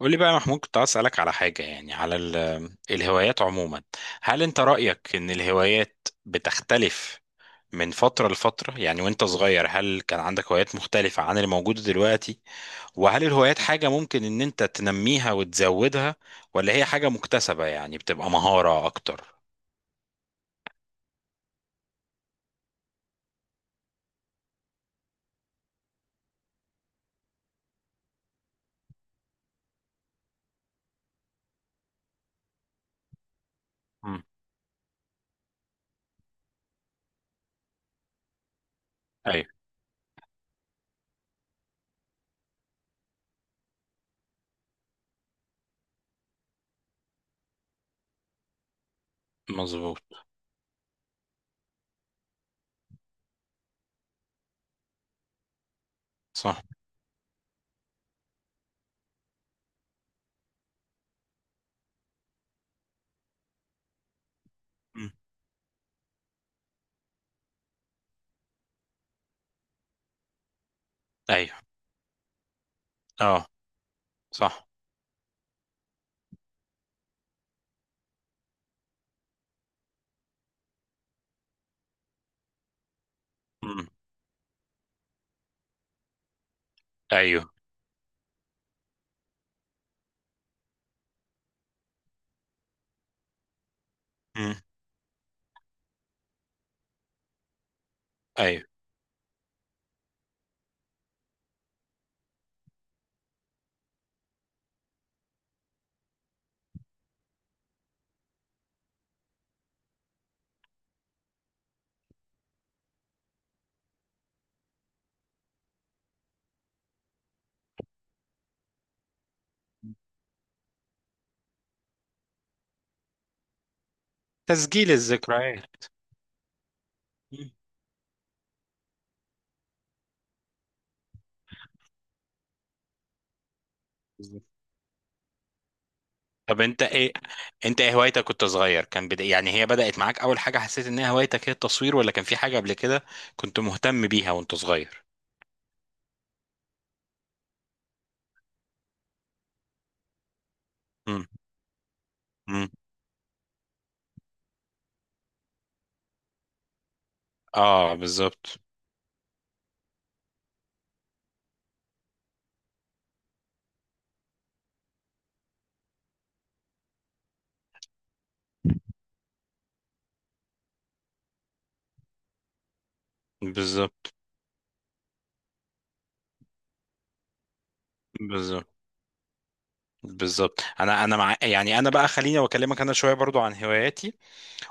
قول لي بقى يا محمود، كنت عايز اسالك على حاجه، يعني على الهوايات عموما. هل انت رايك ان الهوايات بتختلف من فتره لفتره؟ يعني وانت صغير، هل كان عندك هوايات مختلفه عن اللي موجوده دلوقتي؟ وهل الهوايات حاجه ممكن ان انت تنميها وتزودها، ولا هي حاجه مكتسبه يعني بتبقى مهاره اكتر؟ امم ايوه. مظبوط. صح. امم ايوه. اه. صح. امم ايوه امم ايوه. تسجيل الذكريات. مم. طب انت ايه هوايتك كنت صغير؟ كان بدا، يعني هي بدأت معاك اول حاجة حسيت انها هوايتك هي التصوير، ولا كان في حاجة قبل كده كنت مهتم بيها وانت صغير؟ امم امم. اه، بالظبط. بالظبط. بالظبط. بالظبط انا مع، يعني انا بقى خليني واكلمك انا شوية برضو عن هواياتي.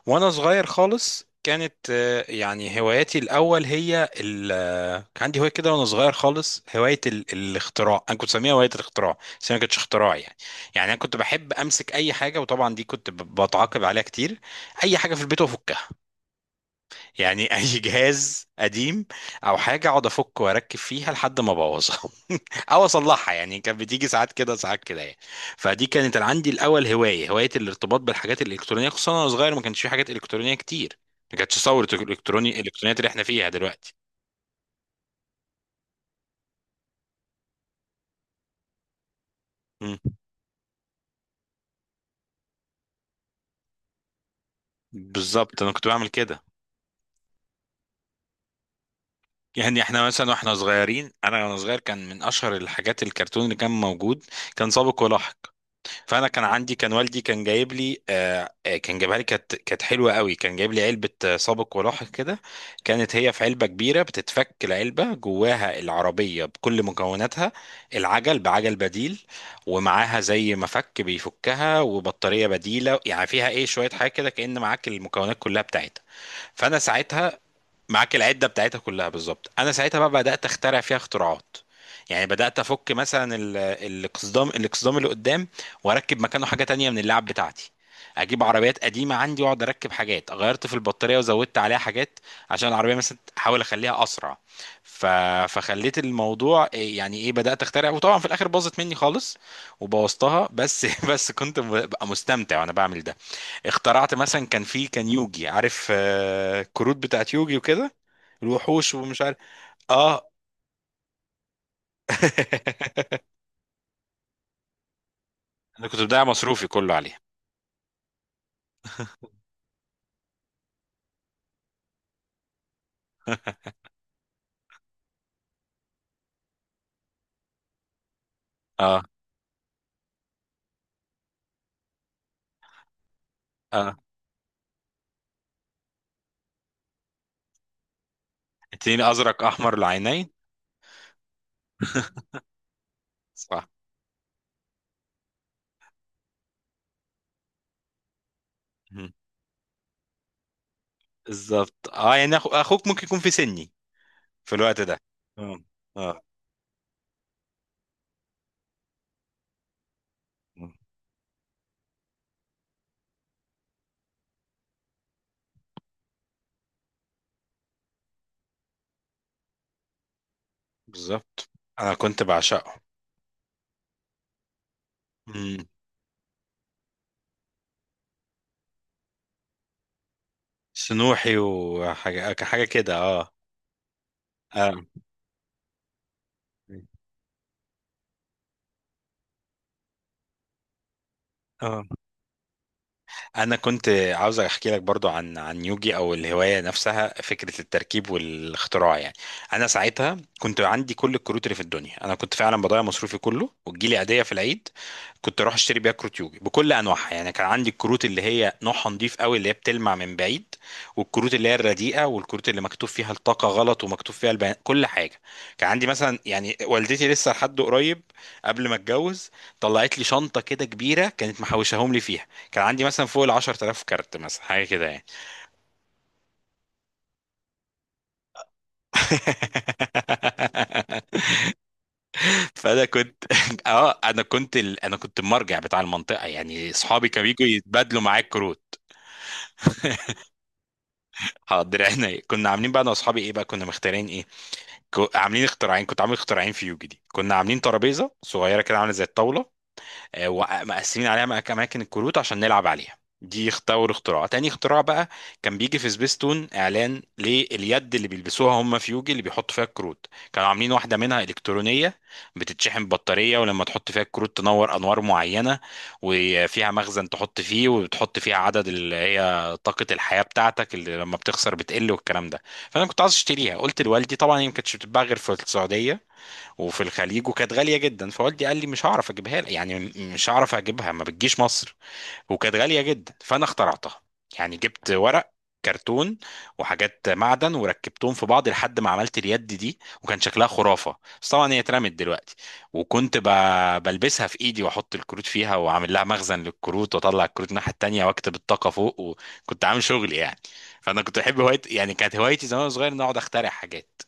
وانا صغير خالص كانت يعني هواياتي الاول هي ال آه، كان عندي هوايه كده وانا صغير خالص، هوايه الاختراع. انا كنت بسميها هوايه الاختراع، بس هي ما كانتش اختراع يعني. يعني انا كنت بحب امسك اي حاجه، وطبعا دي كنت بتعاقب عليها كتير. اي حاجه في البيت وافكها يعني اي جهاز قديم او حاجه اقعد افك واركب فيها لحد ما ابوظها او اصلحها يعني. كانت بتيجي ساعات كده ساعات كده يعني. فدي كانت عندي الاول، هوايه الارتباط بالحاجات الالكترونيه. خصوصا وانا صغير ما كانش في حاجات الكترونيه كتير، ما كانتش ثوره الالكترونيات اللي احنا فيها دلوقتي. مم. بالظبط، انا كنت بعمل كده. يعني احنا مثلا واحنا صغيرين، وانا صغير، كان من اشهر الحاجات الكرتون اللي كان موجود، كان سابق ولاحق. فانا كان عندي، كان والدي كان جايب لي، كان جايبها لي، كانت حلوه قوي، كان جايب لي علبه سابق ولاحق كده. كانت هي في علبه كبيره بتتفك العلبه جواها العربيه بكل مكوناتها، العجل بعجل بديل، ومعاها زي مفك بيفكها وبطاريه بديله يعني. فيها ايه شويه حاجه كده، كأن معاك المكونات كلها بتاعتها. فانا ساعتها معاك العده بتاعتها كلها، بالظبط. انا ساعتها بقى بدات اخترع فيها اختراعات. يعني بدات افك مثلا الاقصدام الاقصدام اللي قدام، واركب مكانه حاجه تانية من اللعب بتاعتي. اجيب عربيات قديمه عندي واقعد اركب حاجات، غيرت في البطاريه وزودت عليها حاجات عشان العربيه مثلا احاول اخليها اسرع. ف... فخليت الموضوع إيه يعني ايه، بدات اخترع، وطبعا في الاخر باظت مني خالص وبوظتها بس بس كنت ببقى مستمتع وانا بعمل ده. اخترعت مثلا، كان في، كان يوجي عارف، الكروت بتاعت يوجي وكده، الوحوش ومش عارف. اه انا كنت بضيع مصروفي كله عليها. اه. اه. اتنين ازرق احمر العينين. صح. مم. بالظبط. اه يعني اخوك ممكن يكون في سني في الوقت ده. اه. اه. مم. بالظبط، انا كنت بعشقه. مم. سنوحي وحاجه حاجه كده، اه. اه. اه. انا كنت عاوز احكي لك برضو عن يوجي، او الهوايه نفسها، فكره التركيب والاختراع يعني. انا ساعتها كنت عندي كل الكروت اللي في الدنيا. انا كنت فعلا بضيع مصروفي كله، وتجيلي عيديه في العيد كنت اروح اشتري بيها كروت يوجي بكل انواعها. يعني كان عندي الكروت اللي هي نوعها نضيف قوي اللي هي بتلمع من بعيد، والكروت اللي هي الرديئه، والكروت اللي مكتوب فيها الطاقه غلط ومكتوب فيها البيان كل حاجه. كان عندي مثلا، يعني والدتي لسه لحد قريب قبل ما اتجوز طلعت لي شنطه كده كبيره كانت محوشاهم لي فيها. كان عندي مثلا فوق ال 10,000 كارت مثلا، حاجه كده يعني فانا كنت اه، انا كنت انا كنت المرجع بتاع المنطقه يعني. اصحابي كانوا بيجوا يتبادلوا معايا الكروت. حاضر عينيا. كنا عاملين بقى انا واصحابي ايه بقى، كنا مختارين ايه، عاملين اختراعين. كنت عامل اختراعين في يوجي دي. كنا عاملين ترابيزه صغيره كده عامله زي الطاوله، ومقسمين عليها اماكن الكروت عشان نلعب عليها. دي اختار اختراع، تاني اختراع بقى كان بيجي في سبيستون اعلان لليد اللي بيلبسوها هم في يوجي اللي بيحطوا فيها الكروت. كانوا عاملين واحده منها الكترونيه بتتشحن ببطاريه، ولما تحط فيها الكروت تنور انوار معينه، وفيها مخزن تحط فيه، وتحط فيها عدد اللي هي طاقه الحياه بتاعتك اللي لما بتخسر بتقل والكلام ده. فانا كنت عايز اشتريها، قلت لوالدي. طبعا هي ما كانتش بتتباع غير في السعوديه وفي الخليج، وكانت غاليه جدا. فوالدي قال لي مش هعرف اجيبها لك، يعني مش هعرف اجيبها، ما بتجيش مصر، وكانت غاليه جدا. فانا اخترعتها. يعني جبت ورق، كرتون، وحاجات معدن، وركبتهم في بعض لحد ما عملت اليد دي، وكان شكلها خرافه. بس طبعا هي اترمت دلوقتي. وكنت بلبسها في ايدي، واحط الكروت فيها، واعمل لها مخزن للكروت، واطلع الكروت الناحيه التانيه، واكتب الطاقه فوق، وكنت عامل شغل يعني. فانا كنت بحب هوايتي يعني. كانت هوايتي زمان وانا صغير ان أنا اقعد اخترع حاجات.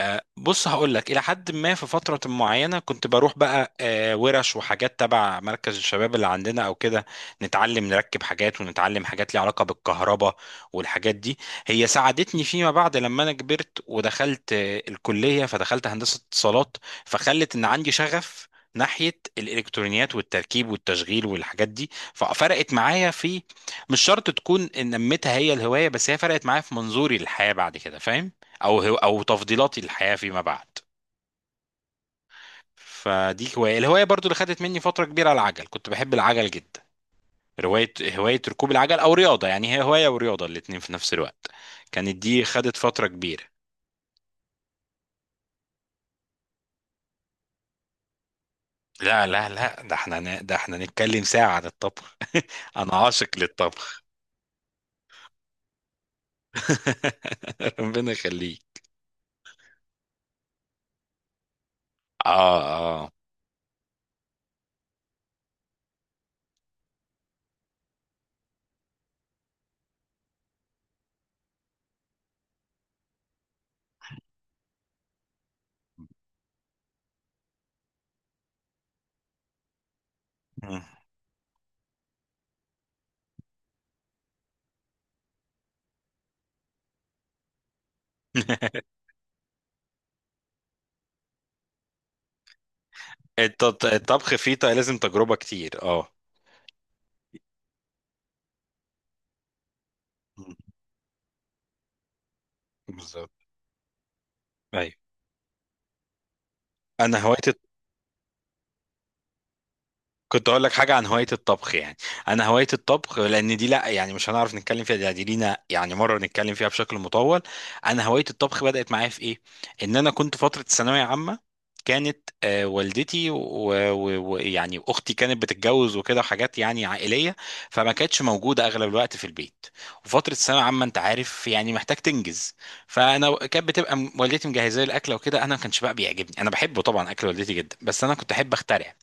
بص هقول لك، الى حد ما في فتره معينه كنت بروح بقى ورش وحاجات تبع مركز الشباب اللي عندنا او كده، نتعلم نركب حاجات ونتعلم حاجات ليها علاقه بالكهرباء والحاجات دي. هي ساعدتني فيما بعد لما انا كبرت ودخلت الكليه، فدخلت هندسه اتصالات. فخلت ان عندي شغف ناحية الإلكترونيات والتركيب والتشغيل والحاجات دي. ففرقت معايا في، مش شرط تكون إن نميتها هي الهواية، بس هي فرقت معايا في منظوري للحياة بعد كده فاهم؟ او هو او تفضيلاتي للحياه فيما بعد. فدي هوايه، الهوايه برضو اللي خدت مني فتره كبيره العجل، كنت بحب العجل جدا. روايه، هوايه ركوب العجل او رياضه. يعني هي هوايه ورياضه الاتنين في نفس الوقت. كانت دي خدت فتره كبيره. لا، ده احنا ده احنا نتكلم ساعه عن الطبخ انا عاشق للطبخ ربنا يخليك. اه. اه. مم. الطبخ فيه لازم تجربه كتير، اه. مم. بالظبط. ايوه. انا هوايتي، كنت اقول لك حاجه عن هوايه الطبخ يعني. انا هوايه الطبخ، لان دي، لا يعني مش هنعرف نتكلم فيها، دي لينا يعني مره نتكلم فيها بشكل مطول. انا هوايه الطبخ بدات معايا في ايه، ان انا كنت فتره ثانويه عامه. كانت والدتي ويعني ويعني اختي كانت بتتجوز وكده، وحاجات يعني عائليه، فما كانتش موجوده اغلب الوقت في البيت. وفتره ثانويه عامه انت عارف يعني محتاج تنجز. فانا كانت بتبقى والدتي مجهزه لي الاكله وكده. انا ما كانش بقى بيعجبني، انا بحبه طبعا اكل والدتي جدا، بس انا كنت احب اخترع.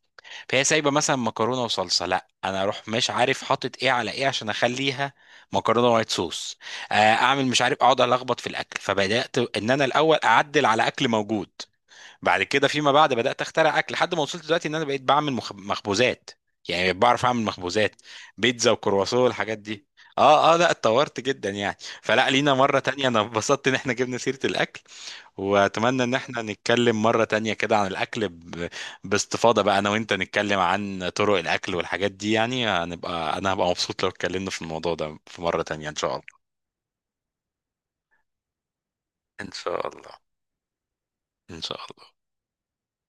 فهي سايبه مثلا مكرونه وصلصه، لا انا اروح مش عارف حاطط ايه على ايه عشان اخليها مكرونه وايت صوص، اعمل مش عارف اقعد الخبط في الاكل. فبدات ان انا الاول اعدل على اكل موجود، بعد كده فيما بعد بدات اخترع اكل، لحد ما وصلت دلوقتي ان انا بقيت بعمل مخبوزات. يعني بقيت بعرف اعمل مخبوزات، بيتزا وكرواسون والحاجات دي. اه اه، لا اتطورت جدا يعني. فلا، لينا مره تانية، انا اتبسطت ان احنا جبنا سيره الاكل، واتمنى ان احنا نتكلم مرة تانية كده عن الاكل باستفاضة بقى، انا وانت نتكلم عن طرق الاكل والحاجات دي يعني. هنبقى، انا هبقى مبسوط لو اتكلمنا في الموضوع ده في مرة تانية ان شاء الله. ان شاء الله. ان شاء الله.